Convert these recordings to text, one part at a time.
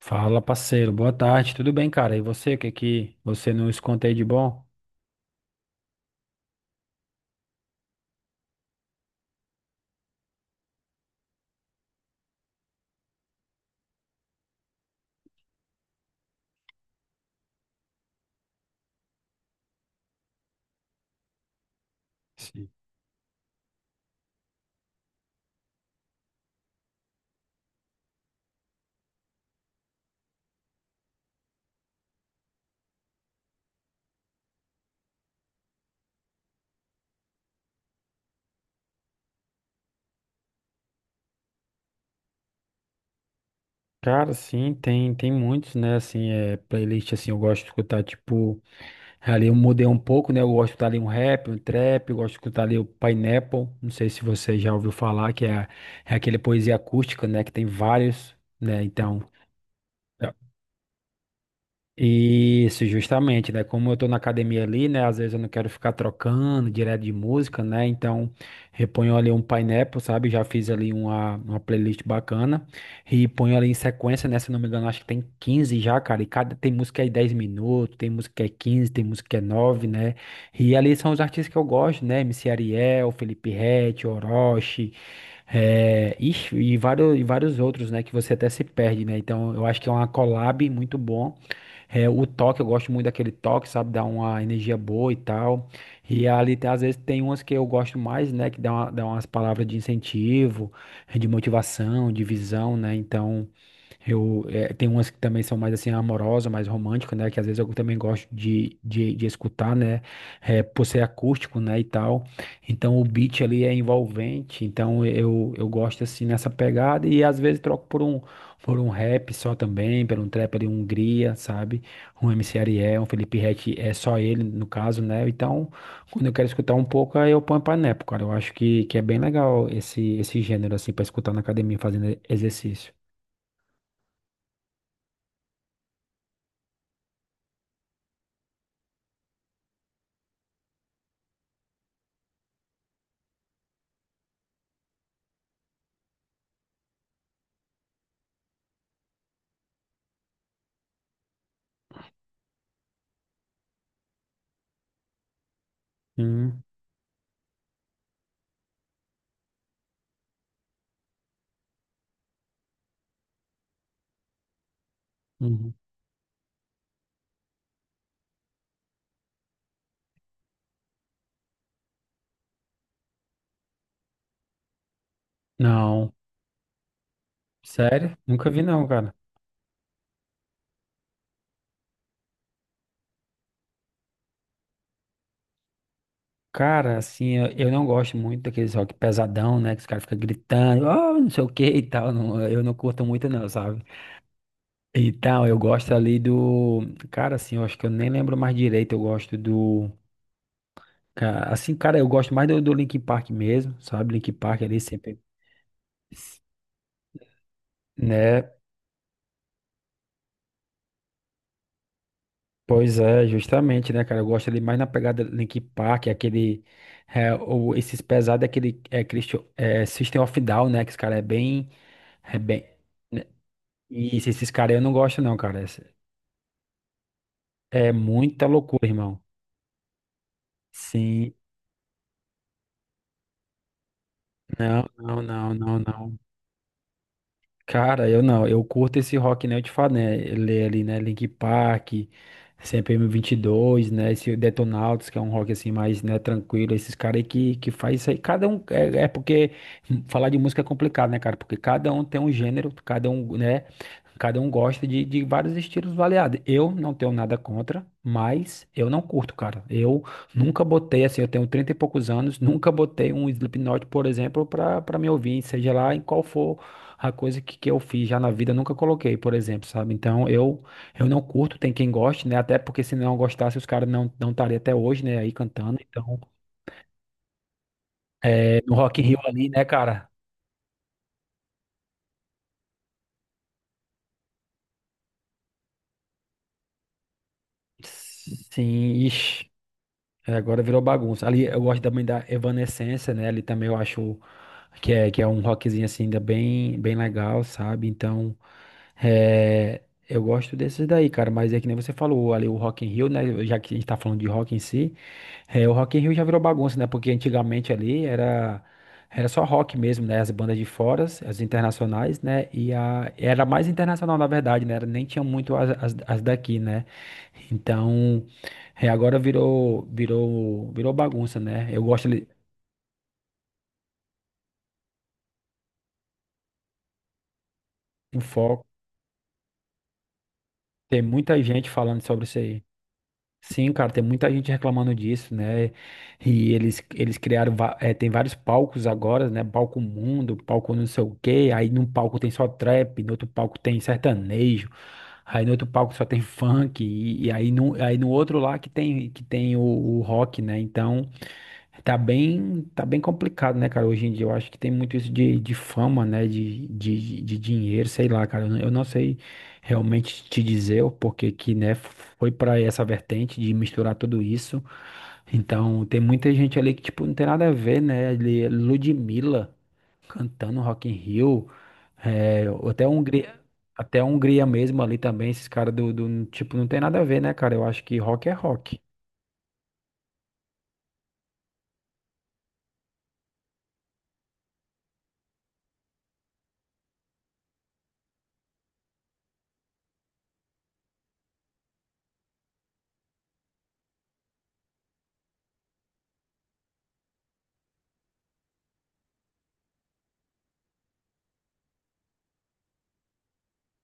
Fala, parceiro. Boa tarde. Tudo bem, cara? E você, o que que você nos conta aí de bom? Sim. Cara, sim, tem muitos, né? Assim, é playlist assim, eu gosto de escutar tipo, ali eu mudei um pouco, né? Eu gosto de escutar ali um rap, um trap, eu gosto de escutar ali o Pineapple. Não sei se você já ouviu falar que é aquele poesia acústica, né, que tem vários, né? Então. Isso, justamente, né? Como eu tô na academia ali, né? Às vezes eu não quero ficar trocando direto de música, né? Então, reponho ali um Pineapple, sabe? Já fiz ali uma playlist bacana e ponho ali em sequência, né? Se não me engano, acho que tem 15 já, cara. E cada tem música aí 10 minutos, tem música que é 15, tem música que é 9, né? E ali são os artistas que eu gosto, né? MC Ariel, Felipe Ret, Orochi, é, ixi, e vários outros, né? Que você até se perde, né? Então, eu acho que é uma collab muito bom. É o toque, eu gosto muito daquele toque, sabe? Dá uma energia boa e tal. E ali, às vezes, tem umas que eu gosto mais, né? Que dá umas palavras de incentivo, de motivação, de visão, né? Então. Tem umas que também são mais assim amorosas, mais românticas, né? Que às vezes eu também gosto de escutar, né? É por ser acústico, né? E tal. Então o beat ali é envolvente. Então eu gosto assim nessa pegada. E às vezes troco por um rap só também, por um trap ali, um Hungria, sabe? Um MC Ariel, um Felipe Ret, é só ele no caso, né? Então quando eu quero escutar um pouco, aí eu ponho pra nepo, cara. Eu acho que é bem legal esse gênero assim pra escutar na academia fazendo exercício. Hum. Uhum. Não, sério? Nunca vi não, cara. Cara, assim, eu não gosto muito daqueles rock pesadão, né? Que os caras ficam gritando, ah, não sei o que e tal. Eu não curto muito não, sabe? Então, eu gosto ali do. Cara, assim, eu acho que eu nem lembro mais direito. Eu gosto do... ca- Assim, cara, eu gosto mais do Linkin Park mesmo, sabe? Linkin Park ali sempre. Né? Pois é, justamente, né, cara? Eu gosto ali mais na pegada Linkin Park, é aquele. É, ou esses pesados, é aquele. É, Christian, é System of Down, né? Que esse cara é bem. É bem. Né? Isso, esses caras eu não gosto, não, cara. É muita loucura, irmão. Sim. Não, não, não, não, não. Cara, eu não, eu curto esse rock, né? Eu te falo, né? Ele é ali, né? Linkin Park, CPM22, né? Esse Detonautas, que é um rock assim mais, né, tranquilo. Esses caras aí que faz isso aí. Cada um, é porque falar de música é complicado, né, cara? Porque cada um tem um gênero, cada um, né? Cada um gosta de vários estilos variados. Eu não tenho nada contra, mas eu não curto, cara. Eu nunca botei, assim, eu tenho 30 e poucos anos, nunca botei um Slipknot, por exemplo, pra me ouvir, seja lá em qual for a coisa que eu fiz já na vida, nunca coloquei, por exemplo, sabe? Então eu não curto, tem quem goste, né? Até porque se não gostasse, os caras não estariam até hoje, né, aí cantando. Então, no Rock in Rio ali, né, cara? Sim, ixi. É, agora virou bagunça. Ali eu gosto também da Evanescence, né? Ali também eu acho que é um rockzinho assim, ainda bem, bem legal, sabe? Então, é, eu gosto desses daí, cara, mas é que nem você falou ali, o Rock in Rio, né? Já que a gente tá falando de rock em si, o Rock in Rio já virou bagunça, né? Porque antigamente ali era só rock mesmo, né? As bandas de fora, as internacionais, né? Era mais internacional, na verdade, né? Nem tinha muito as daqui, né? Então, agora virou bagunça, né? Eu gosto ali, um foco, tem muita gente falando sobre isso aí. Sim, cara, tem muita gente reclamando disso, né? E eles criaram, tem vários palcos agora, né? Palco Mundo, palco não sei o quê. Aí num palco tem só trap, no outro palco tem sertanejo, aí no outro palco só tem funk, e aí, aí no outro lá que tem, o rock, né? Então. Tá bem complicado, né, cara? Hoje em dia eu acho que tem muito isso de fama, né? De dinheiro, sei lá, cara. Eu não sei realmente te dizer o porquê que, né, foi pra essa vertente de misturar tudo isso. Então, tem muita gente ali que, tipo, não tem nada a ver, né? Ali, Ludmilla cantando Rock in Rio, é, ou até Hungria mesmo ali também, esses caras do, tipo, não tem nada a ver, né, cara? Eu acho que rock é rock.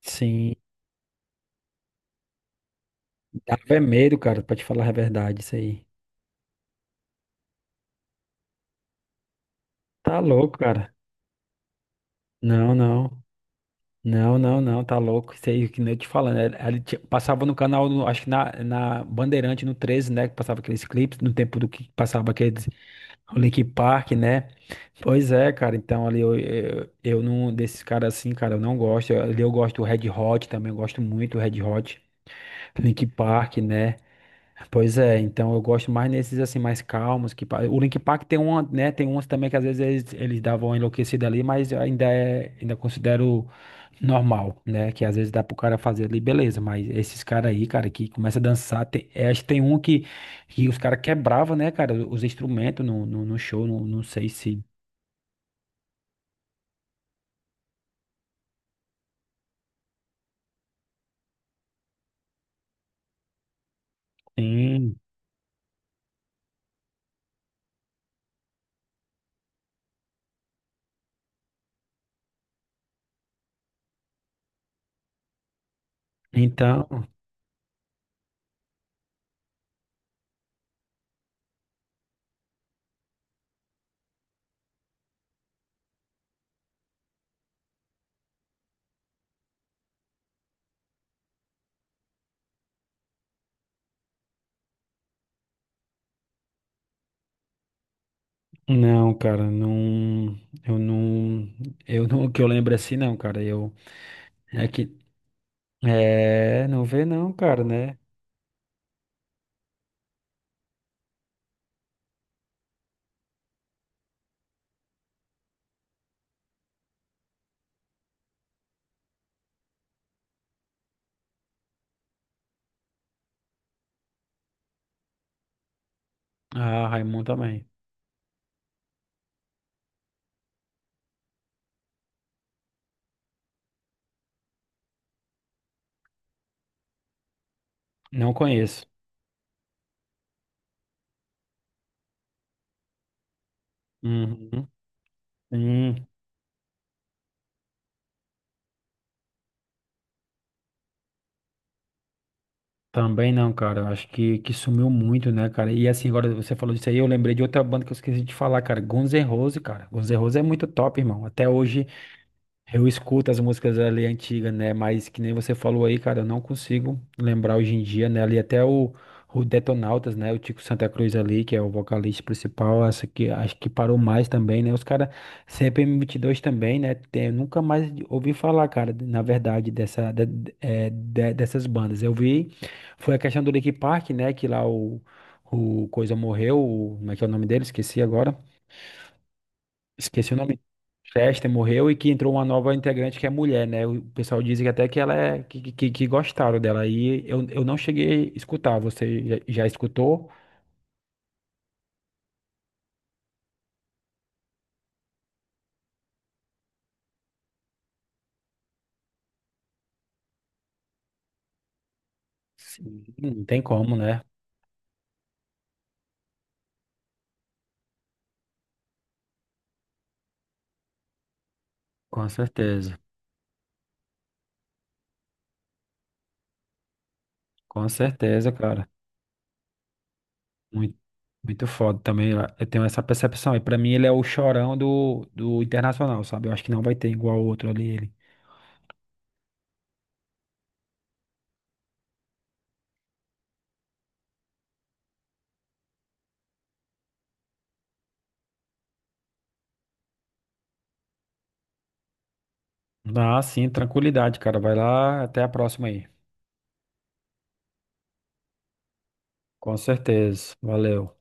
Sim. Dava é medo, cara, pra te falar a verdade, isso aí. Tá louco, cara. Não, não. Não, não, não, tá louco. Isso aí que nem eu te falando. Passava no canal, acho que na Bandeirante, no 13, né? Que passava aqueles clipes, no tempo do que passava aqueles o Linkin Park, né? Pois é, cara. Então ali eu não, desses caras assim, cara, eu não gosto. Ali eu gosto do Red Hot também, eu gosto muito do Red Hot, Linkin Park, né? Pois é, então eu gosto mais nesses assim mais calmos que o Linkin Park tem uma, né, tem uns também que às vezes eles davam uma enlouquecida ali, mas eu ainda considero normal, né, que às vezes dá pro cara fazer ali, beleza, mas esses caras aí, cara, que começa a dançar, acho que tem um que os caras quebrava, né, cara, os instrumentos no show, não sei se. Sim, então, não, cara, não, eu não, eu não, que eu lembro assim, não, cara, eu, é que. É, não vê não, cara, né? Ah, Raimundo também. Não conheço. Uhum. Hum, Também não, cara. Eu acho que sumiu muito, né, cara? E assim, agora você falou disso aí, eu lembrei de outra banda que eu esqueci de falar, cara. Guns N' Roses, cara. Guns N' Roses é muito top, irmão. Até hoje. Eu escuto as músicas ali antigas, né? Mas que nem você falou aí, cara, eu não consigo lembrar hoje em dia, né? Ali até o Detonautas, né? O Tico Santa Cruz ali, que é o vocalista principal, essa que acho que parou mais também, né? Os caras CPM22 também, né? Tem, eu nunca mais ouvi falar, cara, na verdade, dessas bandas. Eu vi, foi a questão do Linkin Park, né? Que lá o Coisa morreu, como é que é o nome dele? Esqueci agora. Esqueci o nome. Chester morreu e que entrou uma nova integrante que é mulher, né? O pessoal diz que até que ela é que gostaram dela. Aí eu não cheguei a escutar. Você já escutou? Sim. Não tem como, né? Com certeza. Com certeza, cara. Muito, muito foda também. Eu tenho essa percepção. E pra mim ele é o chorão do internacional, sabe? Eu acho que não vai ter igual outro ali. Ele. Ah, sim, tranquilidade, cara. Vai lá, até a próxima aí. Com certeza. Valeu.